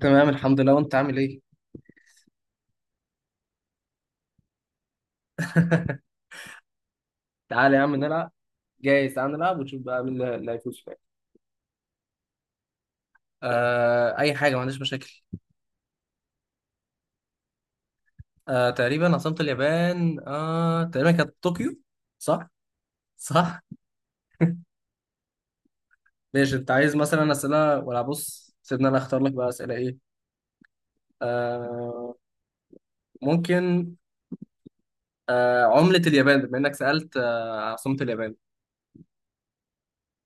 تمام، الحمد لله. وانت عامل ايه؟ تعالى يا عم نلعب. جايز تعالى نلعب ونشوف بقى مين اللي هيفوز فيها. اي حاجه، ما عنديش مشاكل. تقريبا عاصمه اليابان، تقريبا كانت طوكيو، صح؟ صح. ماشي، انت عايز مثلا اسئله ولا بص؟ سيبنا، انا اختار لك بقى اسئله ايه؟ آه ممكن. عمله اليابان، بما انك سالت عاصمه اليابان.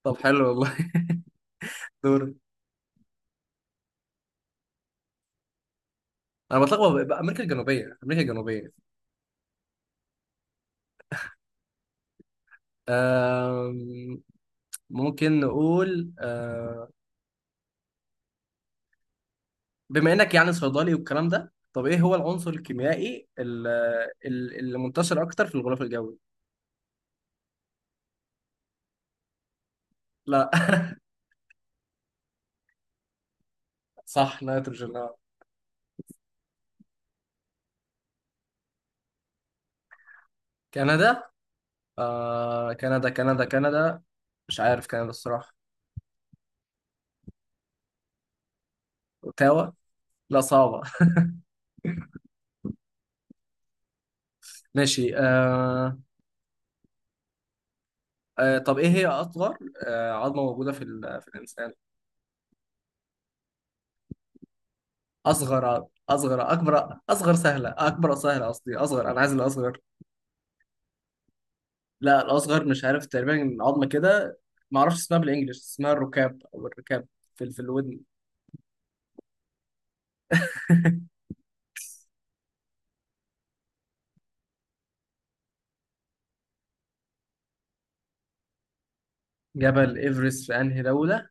طب حلو والله. دور. انا بتلخبط بقى، امريكا الجنوبيه، امريكا الجنوبيه. آه ممكن نقول، بما انك يعني صيدلي والكلام ده، طب ايه هو العنصر الكيميائي اللي منتشر اكتر في الغلاف الجوي؟ لا. صح، نيتروجين آه. كندا. كندا كندا كندا. مش عارف كندا الصراحة. اوتاوا. لا صعبة. ماشي. طب ايه هي اصغر عظمة موجودة في الانسان؟ اصغر اصغر اكبر اصغر سهلة اكبر سهلة، قصدي اصغر، انا عايز الاصغر. لا الاصغر مش عارف، تقريبا عظمه كده. ما اعرفش اسمها بالانجلش، اسمها الركاب او الركاب. في في الودن. جبل ايفرست في انهي دوله؟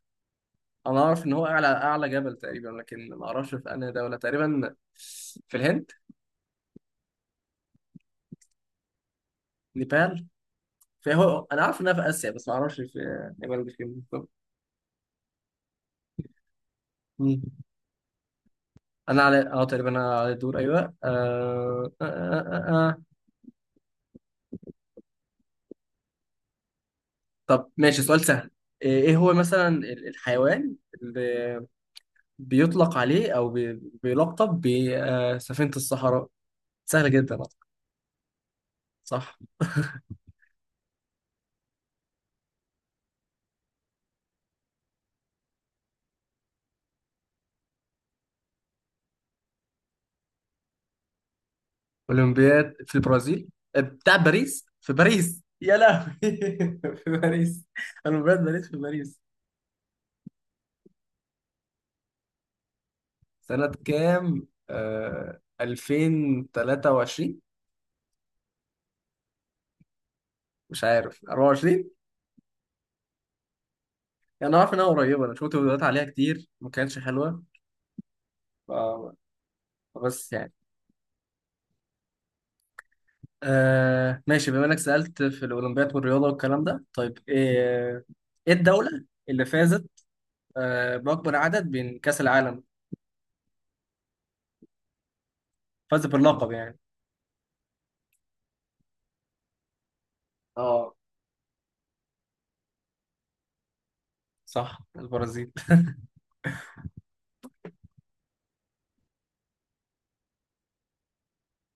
انا اعرف ان هو اعلى اعلى جبل تقريبا، لكن ما اعرفش في انهي دوله تقريبا. في الهند. نيبال. في، هو انا عارف انها في اسيا، بس ما اعرفش في نيبال دي فين بالظبط. مم. انا على اه تقريبا انا على الدور، ايوه. طب ماشي، سؤال سهل. إيه هو مثلا الحيوان اللي بيطلق عليه، او بيلقب بسفينة الصحراء؟ سهلة جدا أصلاً. صح. اولمبياد في البرازيل. بتاع باريس في باريس، يا لهوي. في باريس. اولمبياد باريس في باريس. سنة كام؟ 2023. مش عارف، 24. يعني انا عارف انها قريبة، انا شفت فيديوهات عليها كتير ما كانتش حلوة، ف- بس يعني. ماشي، بما انك سألت في الاولمبياد والرياضة والكلام ده، طيب ايه الدولة اللي فازت بأكبر عدد بين كأس العالم؟ فاز باللقب يعني. اه صح، البرازيل.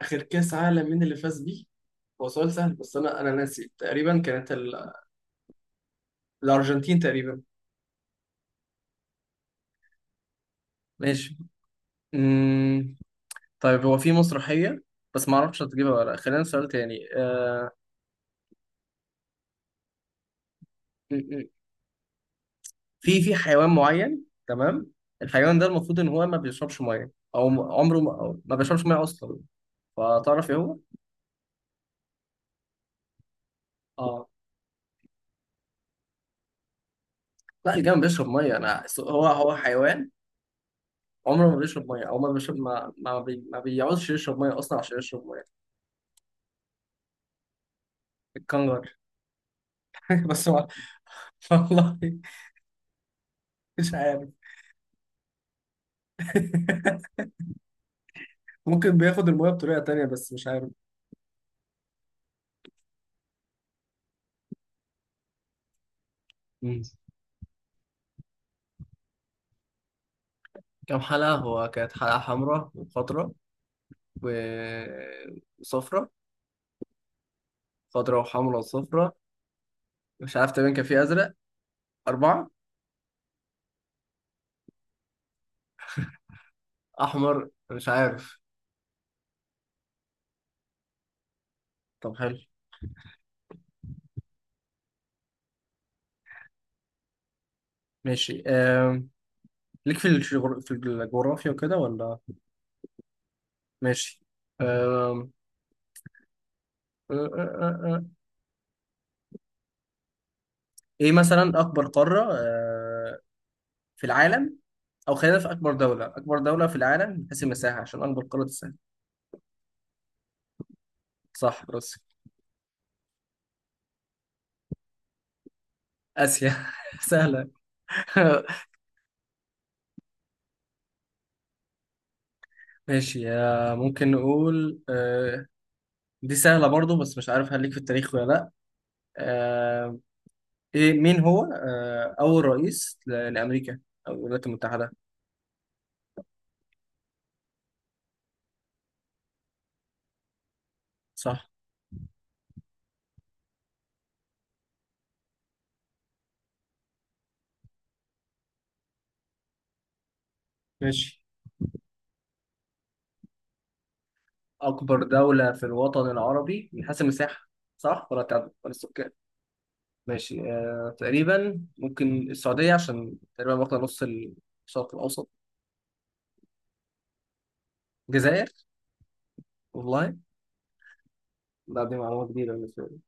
اخر كاس عالم مين اللي فاز بيه؟ هو سؤال سهل بس انا انا ناسي، تقريبا كانت الارجنتين تقريبا. ماشي. مم. طيب هو في مسرحية، بس ما اعرفش هتجيبها ولا لأ. خلينا سؤال تاني. آه، م- م. في في حيوان معين، تمام. الحيوان ده المفروض ان هو ما بيشربش ميه، او عمره ما، أو ما بيشربش ميه اصلا. فتعرف ايه هو؟ اه لا، الجمل بيشرب ميه. انا هو حيوان عمره ما بيشرب ميه، عمره ما بيشرب ما بيعوزش يشرب ميه اصلا عشان يشرب ميه. الكنجر. بس ما... والله. مش عارف. ممكن بياخد الميه بطريقه تانية، بس مش عارف. مم. كام حلقة؟ هو كانت حلقة حمراء وخضراء وصفراء، خضراء وحمراء وصفراء. مش عارف، تقريبا كان في أزرق. أربعة. أحمر، مش عارف. طب حلو. ماشي. ليك في في الجغرافيا وكده ولا؟ ماشي. أم... آه، آه، آه، ايه مثلا اكبر قارة في العالم؟ او خلينا في اكبر دولة، اكبر دولة في العالم من حيث المساحة، عشان اكبر قارة تسهل. صح، روسيا. اسيا، سهلة. ماشي. ممكن نقول دي سهلة برضو، بس مش عارف هل ليك في التاريخ ولا لا. آه، ايه مين هو اول رئيس لامريكا او الولايات المتحدة؟ صح. ماشي، اكبر دولة في الوطن العربي من حيث المساحة صح؟ ولا تعدد ولا السكان؟ ماشي، تقريبا ممكن السعودية، عشان تقريبا واخدة نص الشرق الأوسط. الجزائر؟ والله. لا دي معلومة جديدة بالنسبة لي.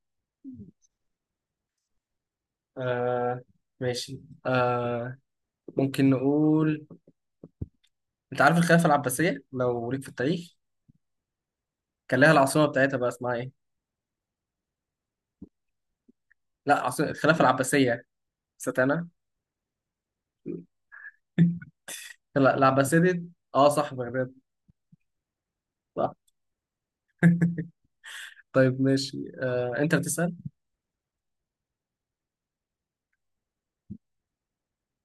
آه ماشي آه ممكن نقول، أنت عارف الخلافة العباسية لو ليك في التاريخ؟ كان لها العاصمة بتاعتها، بقى اسمها إيه؟ لا، عاصمة الخلافة العباسية. نسيت أنا. لا العباسية دي. أه صح، بغداد. صح. طيب ماشي، أنت بتسأل؟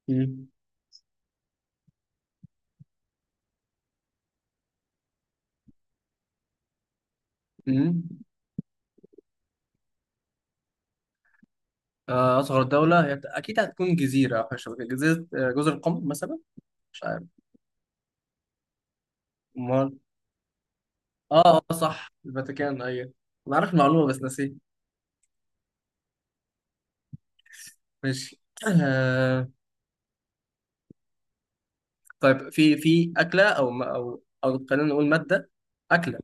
مم. مم. أصغر دولة هي أكيد هتكون جزيرة أو حاجة شبه كده، جزيرة جزر القمر مثلا. مش عارف. امال. اه، صح الفاتيكان ايوه. انا عارف المعلومه بس نسيت. ماشي. آه طيب في في اكله، او خلينا نقول ماده، اكله،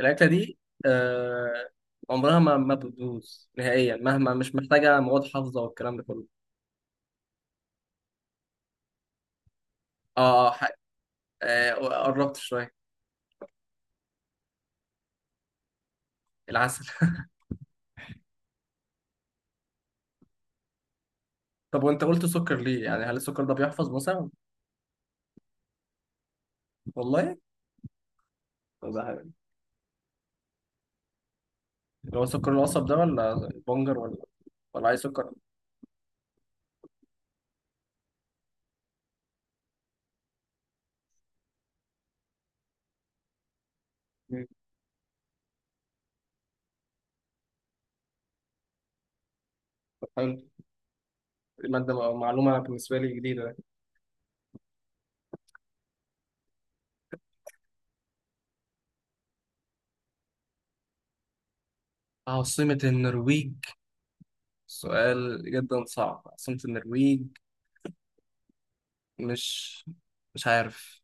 الاكله دي آه عمرها ما بتبوظ نهائيا، مهما، مش محتاجه مواد حافظه والكلام ده كله. اه، آه قربت شويه. العسل. طب وانت قلت سكر ليه؟ يعني هل السكر ده بيحفظ مثلا؟ والله. طب ده حلو. اللي هو سكر القصب ده ولا البنجر ولا ولا اي سكر؟ مم. طب حلو. مادة معلومة بالنسبة لي جديدة. عاصمة النرويج. سؤال جدا صعب، عاصمة النرويج. مش مش عارف.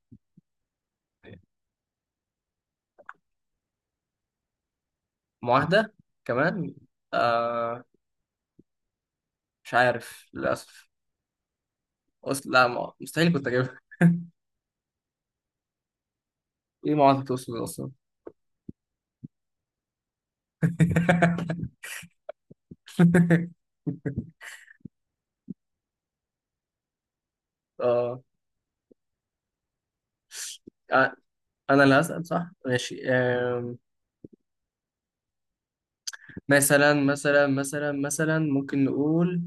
معاهدة؟ كمان. آه مش عارف للأسف. أصل لا، مستحيل كنت أجيبها. إيه معاهدة أوسلو أصلا؟ آه آه، أنا اللي هسأل صح؟ ماشي. مثلا ممكن نقول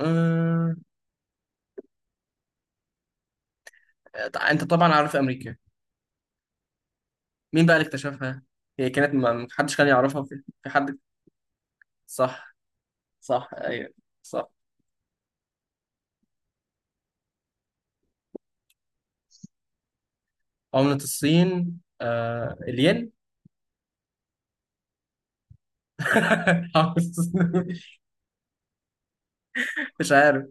آه أنت طبعا عارف أمريكا، مين بقى اللي اكتشفها؟ هي كانت ما حدش كان يعرفها في، حد. صح. صح ايوه. صح. عملة الصين الين. عملة الصين. مش عارف.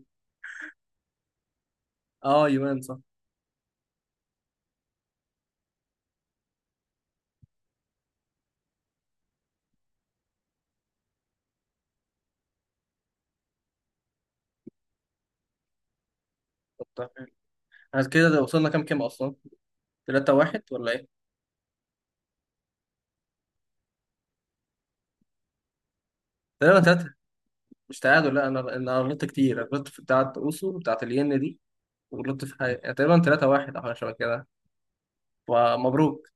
اه، يوان، صح. طب تمام. احنا كده ده وصلنا كام اصلا، 3-1 ولا ايه؟ تقريبا 3. مش تعادل لا، انا انا غلطت كتير، أنا غلطت في بتاعه اوسو بتاعه الين دي، وغلطت في حاجه، يعني تقريبا 3-1 او حاجه شبه كده. ومبروك.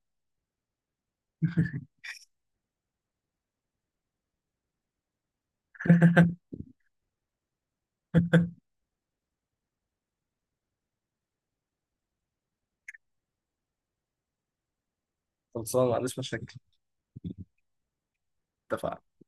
خلصان، ما عنديش مشاكل. اتفقنا.